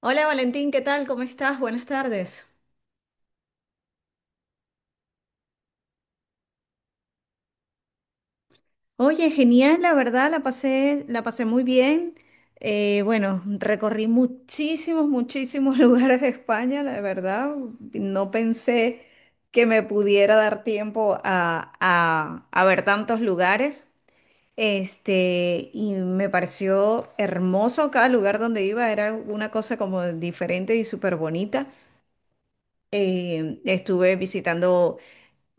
Hola Valentín, ¿qué tal? ¿Cómo estás? Buenas tardes. Oye, genial, la verdad, la pasé muy bien. Bueno, recorrí muchísimos lugares de España, la verdad. No pensé que me pudiera dar tiempo a ver tantos lugares. Este, y me pareció hermoso cada lugar donde iba, era una cosa como diferente y súper bonita. Estuve visitando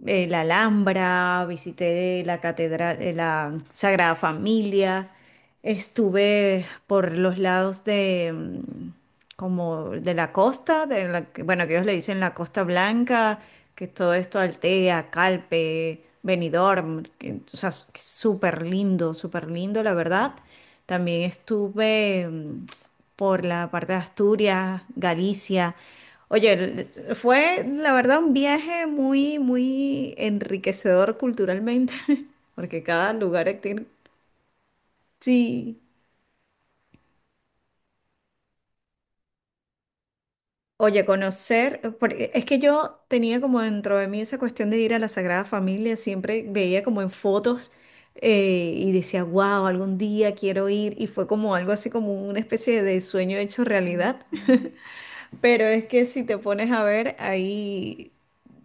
la Alhambra, visité la catedral, la Sagrada Familia, estuve por los lados de como de la costa, bueno, que ellos le dicen la Costa Blanca, que es todo esto Altea, Calpe, Benidorm, o sea, que es súper lindo, la verdad. También estuve por la parte de Asturias, Galicia. Oye, fue la verdad un viaje muy, muy enriquecedor culturalmente, porque cada lugar tiene... Sí. Oye, conocer, porque es que yo tenía como dentro de mí esa cuestión de ir a la Sagrada Familia, siempre veía como en fotos y decía, wow, algún día quiero ir, y fue como algo así como una especie de sueño hecho realidad. Pero es que si te pones a ver ahí,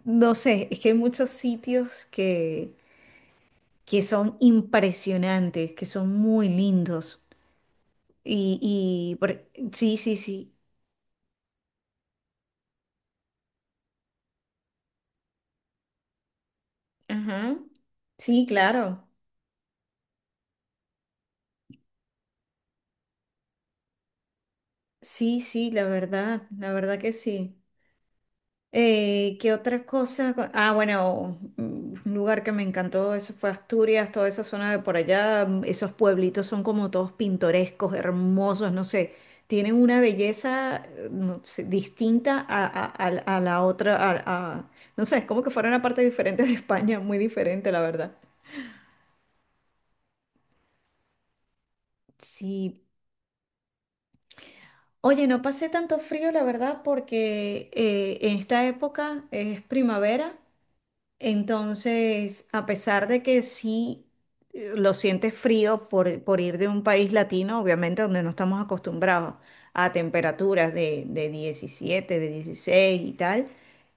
no sé, es que hay muchos sitios que son impresionantes, que son muy lindos. Sí. Ajá. Sí, claro. Sí, sí, la verdad que sí. ¿Qué otra cosa? Ah, bueno, un lugar que me encantó, eso fue Asturias, toda esa zona de por allá, esos pueblitos son como todos pintorescos, hermosos, no sé, tienen una belleza, no sé, distinta a la otra, no sé, es como que fuera una parte diferente de España, muy diferente, la verdad. Sí. Oye, no pasé tanto frío, la verdad, porque en esta época es primavera. Entonces, a pesar de que sí lo sientes frío por ir de un país latino, obviamente donde no estamos acostumbrados a temperaturas de 17, de 16 y tal,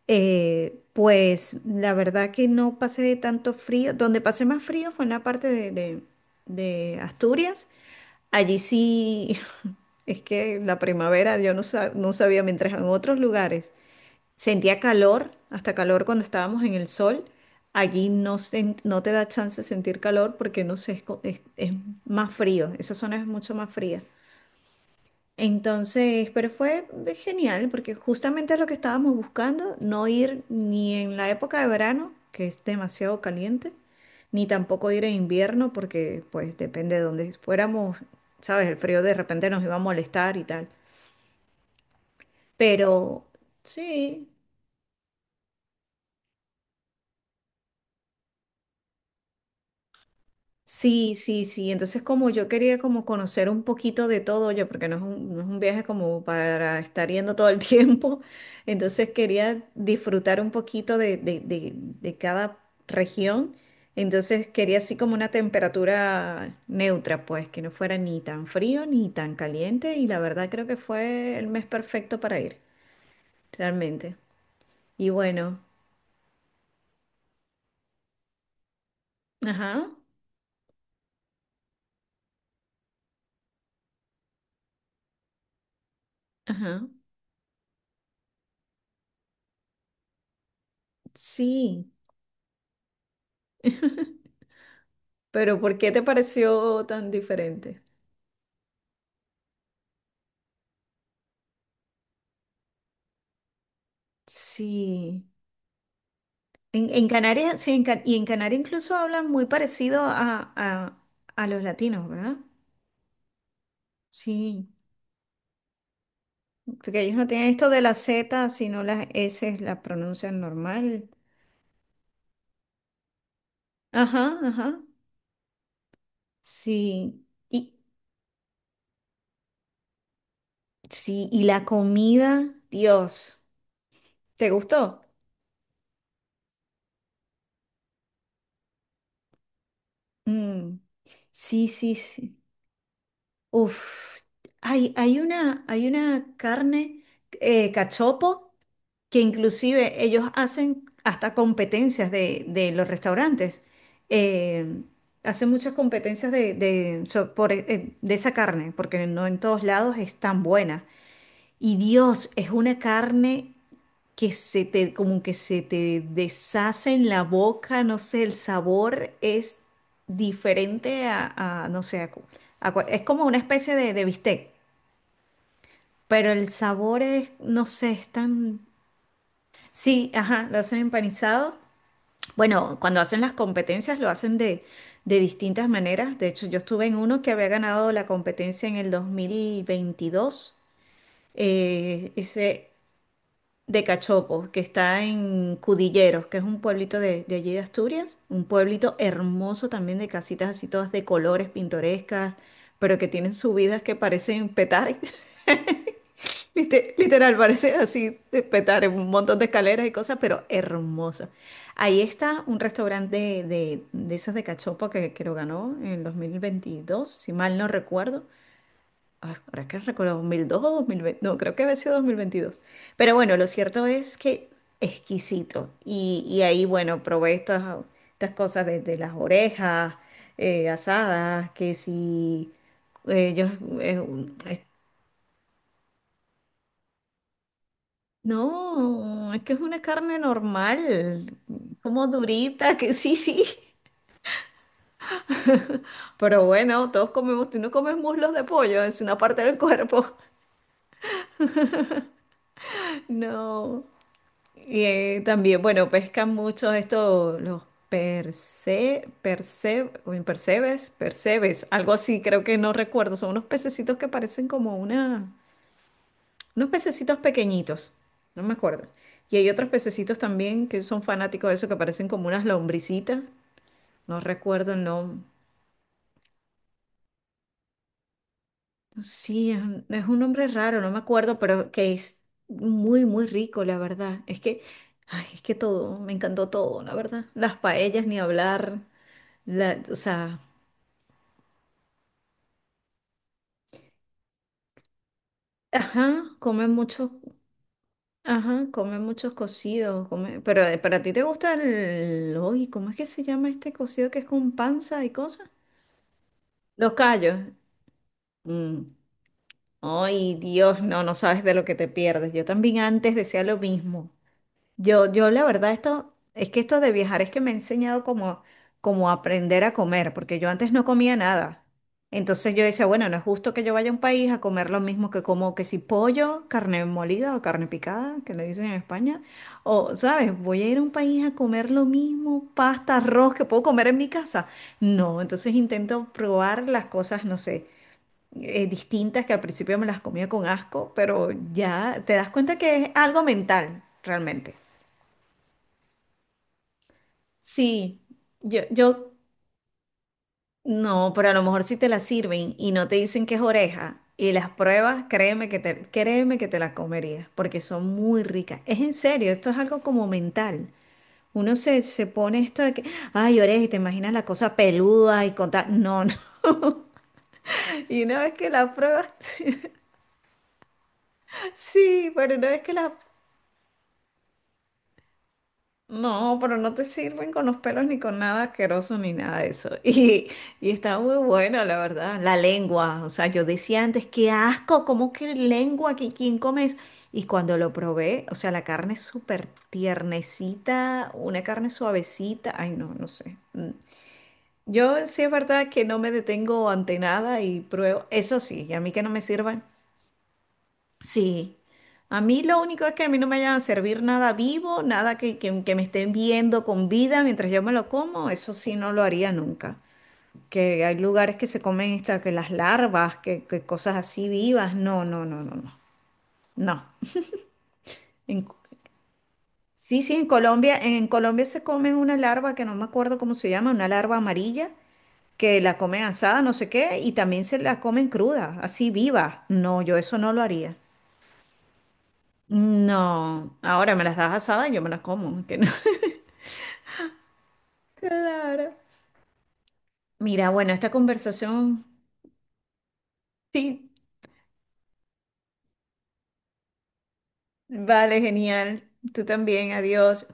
pues la verdad que no pasé de tanto frío. Donde pasé más frío fue en la parte de Asturias. Allí sí, es que la primavera yo no, no sabía, mientras en otros lugares sentía calor, hasta calor cuando estábamos en el sol. Allí no, no te da chance de sentir calor porque no sé, es, es más frío. Esa zona es mucho más fría. Entonces, pero fue genial porque justamente es lo que estábamos buscando, no ir ni en la época de verano, que es demasiado caliente, ni tampoco ir en invierno porque pues depende de dónde fuéramos, sabes, el frío de repente nos iba a molestar y tal. Pero sí. Sí, sí, sí. Entonces como yo quería como conocer un poquito de todo, yo, porque no es un viaje como para estar yendo todo el tiempo, entonces quería disfrutar un poquito de cada región, entonces quería así como una temperatura neutra, pues que no fuera ni tan frío ni tan caliente y la verdad creo que fue el mes perfecto para ir, realmente. Y bueno, ajá, ajá, sí, pero ¿por qué te pareció tan diferente? Sí, en Canarias, sí, en Ca- y en Canarias incluso hablan muy parecido a los latinos, ¿verdad? Sí, porque ellos no tienen esto de la Z, sino las S las pronuncian normal. Ajá, ajá, sí. Y sí, y la comida, Dios, ¿te gustó? Mm. Sí, sí, sí. Uf, hay una carne, cachopo, que inclusive ellos hacen hasta competencias de los restaurantes. eh, hacen muchas competencias de esa carne, porque no en todos lados es tan buena. Y Dios, es una carne que como que se te deshace en la boca, no sé, el sabor es diferente a, no sé, a cu- a cua- es como una especie de bistec, pero el sabor es, no sé, es tan... Sí, ajá, lo hacen empanizado. Bueno, cuando hacen las competencias lo hacen de distintas maneras. De hecho, yo estuve en uno que había ganado la competencia en el 2022, ese de Cachopo, que está en Cudilleros, que es un pueblito de allí de Asturias, un pueblito hermoso también de casitas así todas de colores pintorescas, pero que tienen subidas que parecen petar. Literal, parece así de petar en un montón de escaleras y cosas, pero hermosa. Ahí está un restaurante de esas de cachopa que lo ganó en 2022 si mal no recuerdo. Ay, ahora es que recuerdo, 2002 o 2020, no, creo que había sido dos mil veintidós. Pero bueno, lo cierto es que exquisito. Y ahí, bueno, probé estas, estas cosas de las orejas asadas, que si... Ellos... No, es que es una carne normal, como durita, que sí, sí. Pero bueno, todos comemos, tú no comes muslos de pollo, es una parte del cuerpo. No. Y también, bueno, pescan mucho esto, los percebes, percebes, algo así, creo que no recuerdo. Son unos pececitos que parecen como una, unos pececitos pequeñitos, no me acuerdo. Y hay otros pececitos también que son fanáticos de eso, que parecen como unas lombricitas. No recuerdo el nombre. Sí, es un nombre raro, no me acuerdo, pero que es muy, muy rico, la verdad. Es que, ay, es que todo, me encantó todo, la verdad. Las paellas, ni hablar, la, o sea, ajá, comen muchos, ajá, comen muchos cocidos, pero para ti te gusta el, uy, ¿cómo es que se llama este cocido que es con panza y cosas? Los callos. Mm. Ay, Dios, no, no sabes de lo que te pierdes. Yo también antes decía lo mismo. Yo, la verdad esto, es que esto de viajar es que me ha enseñado como, como aprender a comer, porque yo antes no comía nada. Entonces yo decía, bueno, no es justo que yo vaya a un país a comer lo mismo que como que si pollo, carne molida o carne picada, que le dicen en España, o, ¿sabes? Voy a ir a un país a comer lo mismo, pasta, arroz que puedo comer en mi casa. No, entonces intento probar las cosas, no sé, distintas que al principio me las comía con asco, pero ya te das cuenta que es algo mental, realmente. Sí, yo no, pero a lo mejor si te la sirven y no te dicen que es oreja y las pruebas, créeme que te las comerías porque son muy ricas. Es en serio, esto es algo como mental. Uno se, se pone esto de que, ay, oreja, y te imaginas la cosa peluda y con tal. No, no. Y una vez que la pruebas... Sí, pero una vez que la... No, pero no te sirven con los pelos ni con nada asqueroso ni nada de eso. Y, y está muy bueno, la verdad. La lengua, o sea, yo decía antes, qué asco, ¿cómo que lengua? ¿Quién come eso? Y cuando lo probé, o sea, la carne es súper tiernecita, una carne suavecita. Ay, no, no sé. Mm. Yo sí es verdad que no me detengo ante nada y pruebo. Eso sí, y a mí que no me sirvan. Sí, a mí lo único es que a mí no me vayan a servir nada vivo, nada que me estén viendo con vida mientras yo me lo como, eso sí no lo haría nunca. Que hay lugares que se comen esta, que las larvas, que cosas así vivas, no, no, no, no, no, no. En Co- sí, sí, en Colombia se comen una larva que no me acuerdo cómo se llama, una larva amarilla, que la comen asada, no sé qué, y también se la comen cruda, así viva. No, yo eso no lo haría. No, ahora me las das asadas y yo me las como. Que no. Claro. Mira, bueno, esta conversación, sí, vale, genial. Tú también, adiós.